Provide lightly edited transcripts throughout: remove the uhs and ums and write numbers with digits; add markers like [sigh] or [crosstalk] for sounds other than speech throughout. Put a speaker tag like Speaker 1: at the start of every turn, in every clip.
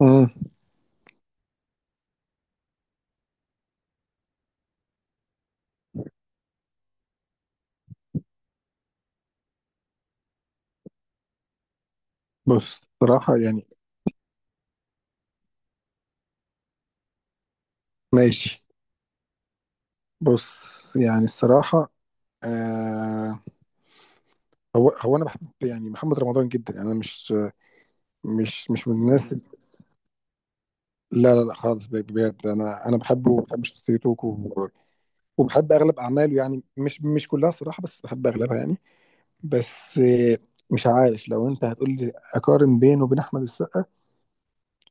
Speaker 1: امم بص، صراحة يعني. ماشي. بص يعني الصراحة. آه هو أنا بحب يعني محمد رمضان جدا. يعني أنا مش من الناس. لا لا لا خالص، بجد. أنا بحبه وبحب شخصيته وبحب أغلب أعماله. يعني مش كلها صراحة، بس بحب أغلبها يعني. بس مش عارف، لو أنت هتقول لي أقارن بينه وبين أحمد السقا،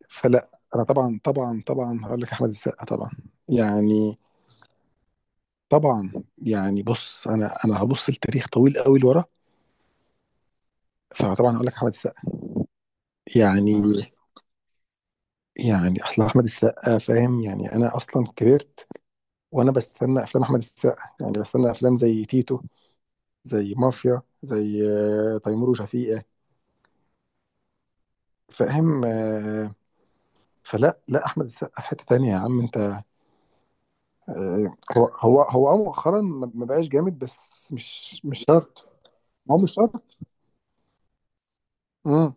Speaker 1: فلا، أنا طبعا طبعا طبعا هقول لك أحمد السقا طبعا. يعني طبعا. يعني بص، انا هبص لتاريخ طويل قوي لورا، فطبعا اقول لك احمد السقا. يعني اصل احمد السقا فاهم. يعني انا اصلا كبرت وانا بستنى افلام احمد السقا، يعني بستنى افلام زي تيتو، زي مافيا، زي تيمور وشفيقة. فاهم. فلا لا، احمد السقا في حتة تانية يا عم انت. هو مؤخرا ما بقاش جامد، بس مش شرط. ما هو مش شرط. امم.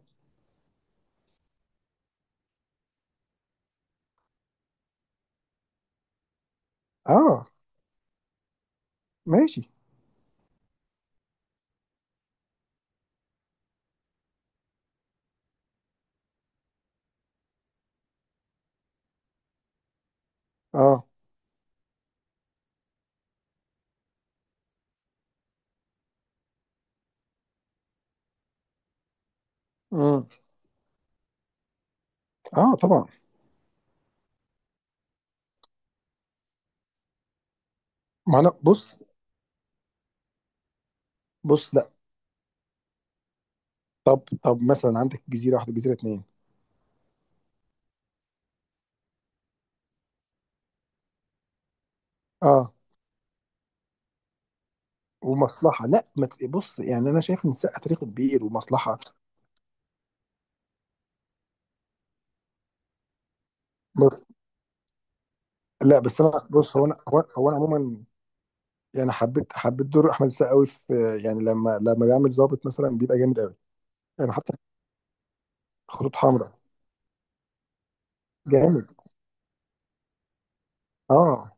Speaker 1: اه. ماشي. اه. امم. اه طبعا. ما انا بص. بص لا. طب مثلا عندك جزيره واحده، جزيره اتنين. اه. ومصلحه لا، ما تل- بص يعني، انا شايف ان السقه تاريخه كبير، ومصلحه. بص- لا بس، انا بص هو انا، هو انا عموما يعني حبيت دور احمد السقا قوي في. يعني لما بيعمل ظابط مثلا، بيبقى جامد قوي. يعني حتى. خطوط حمراء جامد. اه.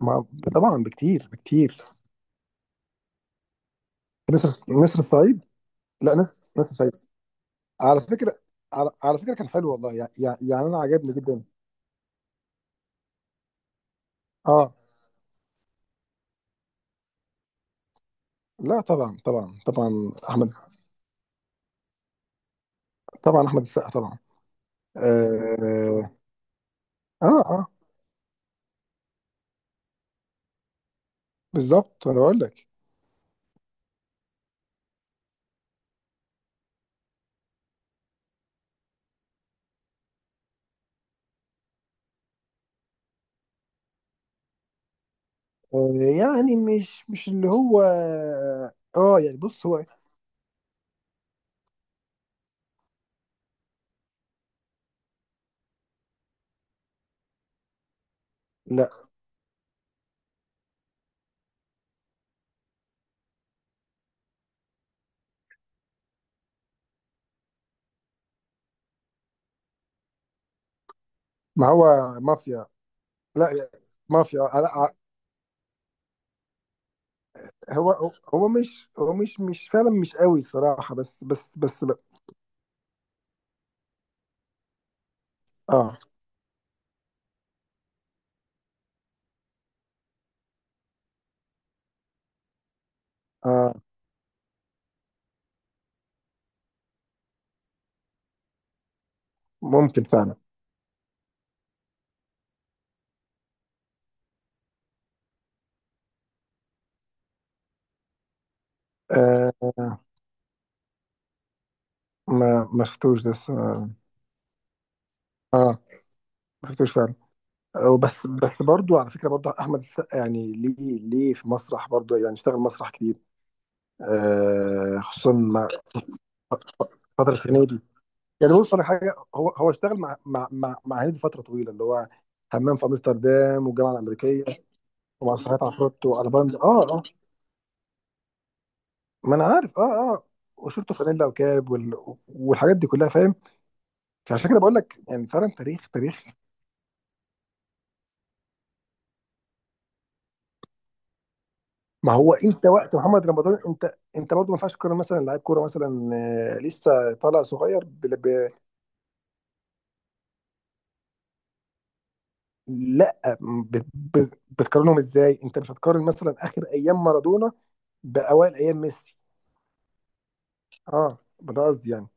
Speaker 1: ما. طبعا بكتير بكتير. نسر نسر الصعيد. لا، نسر الصعيد، على فكره. على فكره، كان حلو والله. يعني انا عجبني جدا. اه. لا طبعا طبعا طبعا احمد. طبعا احمد السقا طبعا. اه اه, آه بالظبط، انا بقول لك. آه، يعني مش اللي هو. اه يعني بص هو. لا، ما هو مافيا. لا يعني مافيا. لا. هو هو مش هو مش فعلا، مش قوي الصراحة. بس بس بس. اه اه. ممكن فعلا. آه ما شفتوش ده لسه. آه، ما شفتوش فعلا. بس بس برضو على فكرة، برضو احمد السقا يعني ليه في مسرح برضو، يعني اشتغل مسرح كتير. خصوصا مع فتره هنيدي. يعني بص، انا حاجه هو اشتغل مع هنيدي فتره طويله اللي هو حمام في امستردام والجامعه الامريكيه ومسرحيات عفروت والباند. اه ما انا عارف. اه وشورت فانيلا وكاب والحاجات دي كلها. فاهم. فعشان كده بقول لك يعني فعلا تاريخ تاريخ. ما هو انت وقت محمد رمضان، انت برضه ما ينفعش تقارن مثلا لعيب كوره مثلا لسه طالع صغير لا، بتقارنهم ازاي، انت مش هتقارن مثلا اخر ايام مارادونا بأوائل أيام ميسي. اه، ما ده قصدي يعني.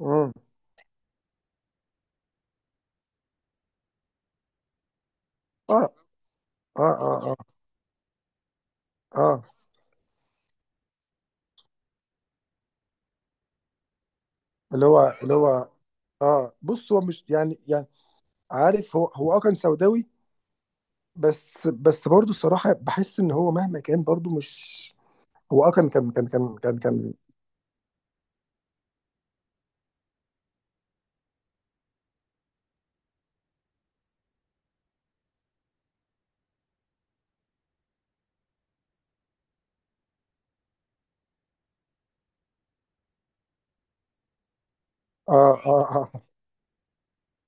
Speaker 1: امم. اه اه اه اه اه. اللي هو اه بص، هو مش يعني. عارف، هو كان سوداوي. بس بس برضه الصراحة بحس إن هو مهما كان برضه مش. هو كان. اه اه اه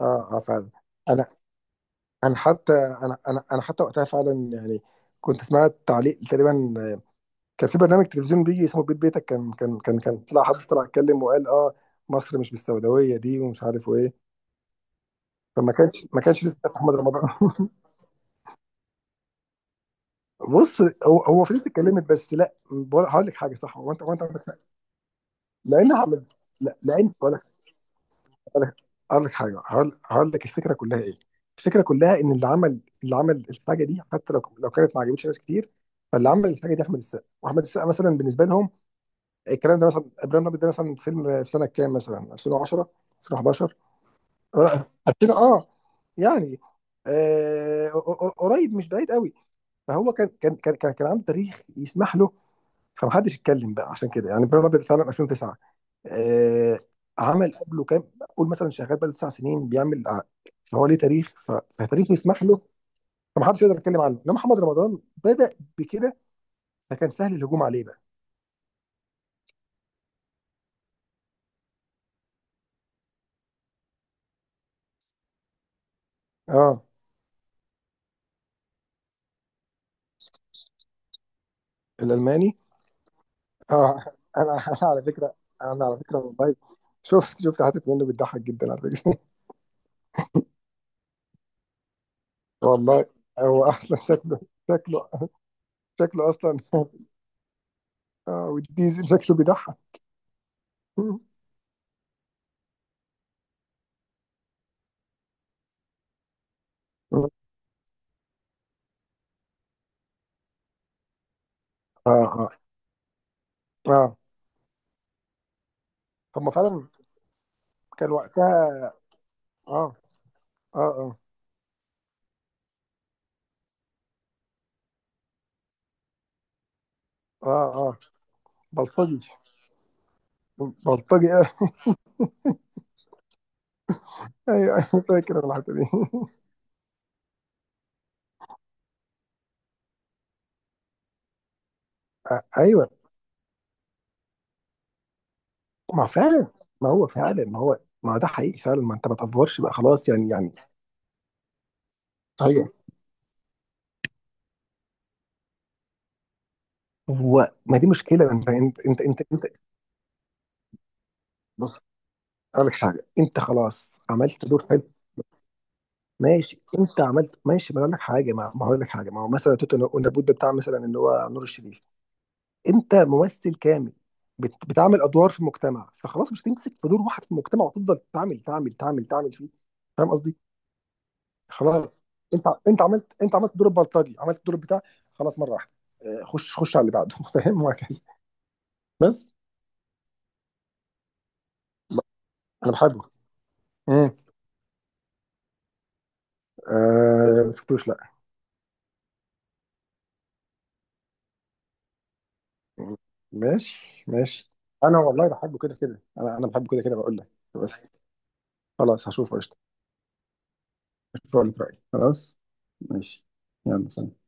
Speaker 1: اه اه فعلا. أنا أنا حتى وقتها فعلا يعني كنت سمعت تعليق تقريبا. كان في برنامج تلفزيون بيجي اسمه بيت بيتك، كان طلع حد، طلع اتكلم وقال مصر مش بالسوداويه دي، ومش عارف وايه. فما كانش ما كانش لسه محمد رمضان [laughs] بص، هو فلوس اتكلمت بس. لا، هقول لك حاجه. صح، هو انت، هو انت عندك حق. لان احمد لا، لان هقول لك هقول لك حاجه. هقول لك الفكره كلها ايه. الفكره كلها ان اللي عمل الحاجه دي، حتى لو كانت ما عجبتش ناس كتير. فاللي عمل الحاجه دي احمد السقا، واحمد السقا مثلا بالنسبه لهم الكلام ده. مثلا ابراهيم الابيض، ده مثلا فيلم في سنه كام، مثلا 2010، 2011، لا 2000. اه يعني آه، قريب، مش بعيد قوي. فهو كان عنده تاريخ يسمح له، فمحدش اتكلم بقى عشان كده. يعني ابراهيم الابيض فعلا 2009. آه، عمل قبله كام، قول مثلا شغال بقاله 9 سنين بيعمل فهو ليه تاريخ، فتاريخه يسمح له، فمحدش يقدر يتكلم عنه. انما محمد رمضان بدأ بكده، فكان سهل الهجوم عليه بقى. اه، الالماني. اه، انا [laughs] انا على فكره. انا على فكره والله. شفت حتت منه بتضحك جدا على فكره. [laughs] والله. هو اصلا شكله شكله اصلا [laughs] اه، والديزل شكله بيضحك. [laughs] اه اه اه. هم فعلا كان وقتها. اه اه اه اه اه. بلطجي. بلطجي. [laughs] آه. ايوه، ايوه، فاكر أنا الحته دي. [laughs] ايوه. ما فعلا، ما هو فعلا. ما هو ما ده حقيقي فعلا. ما انت ما تفورش بقى، خلاص يعني ايوه. هو ما دي مشكله، انت. بص، اقول لك حاجه، انت خلاص عملت دور حلو. ماشي، انت عملت. ماشي، ما أنا اقول لك حاجه. ما هقول لك حاجه. ما هو مثلا توت والنبوت، ده بتاع مثلا اللي هو نور الشريف. انت ممثل كامل، بتعمل ادوار في المجتمع، فخلاص مش هتمسك في دور واحد في المجتمع وتفضل تعمل تعمل تعمل تعمل فيه. فاهم قصدي. خلاص، انت عملت دور البلطجي، عملت دور بتاع. خلاص، مره واحده. خش خش على اللي بعده. [laughs] فاهم، وهكذا. بس انا بحبه. امم. شفتوش لا. ماشي ماشي. انا والله بحبه كده كده. انا بحبه كده كده بقول لك. بس خلاص، هشوفه قشطه. هشوفه اقول لك رايي. خلاص، ماشي. يلا سلام.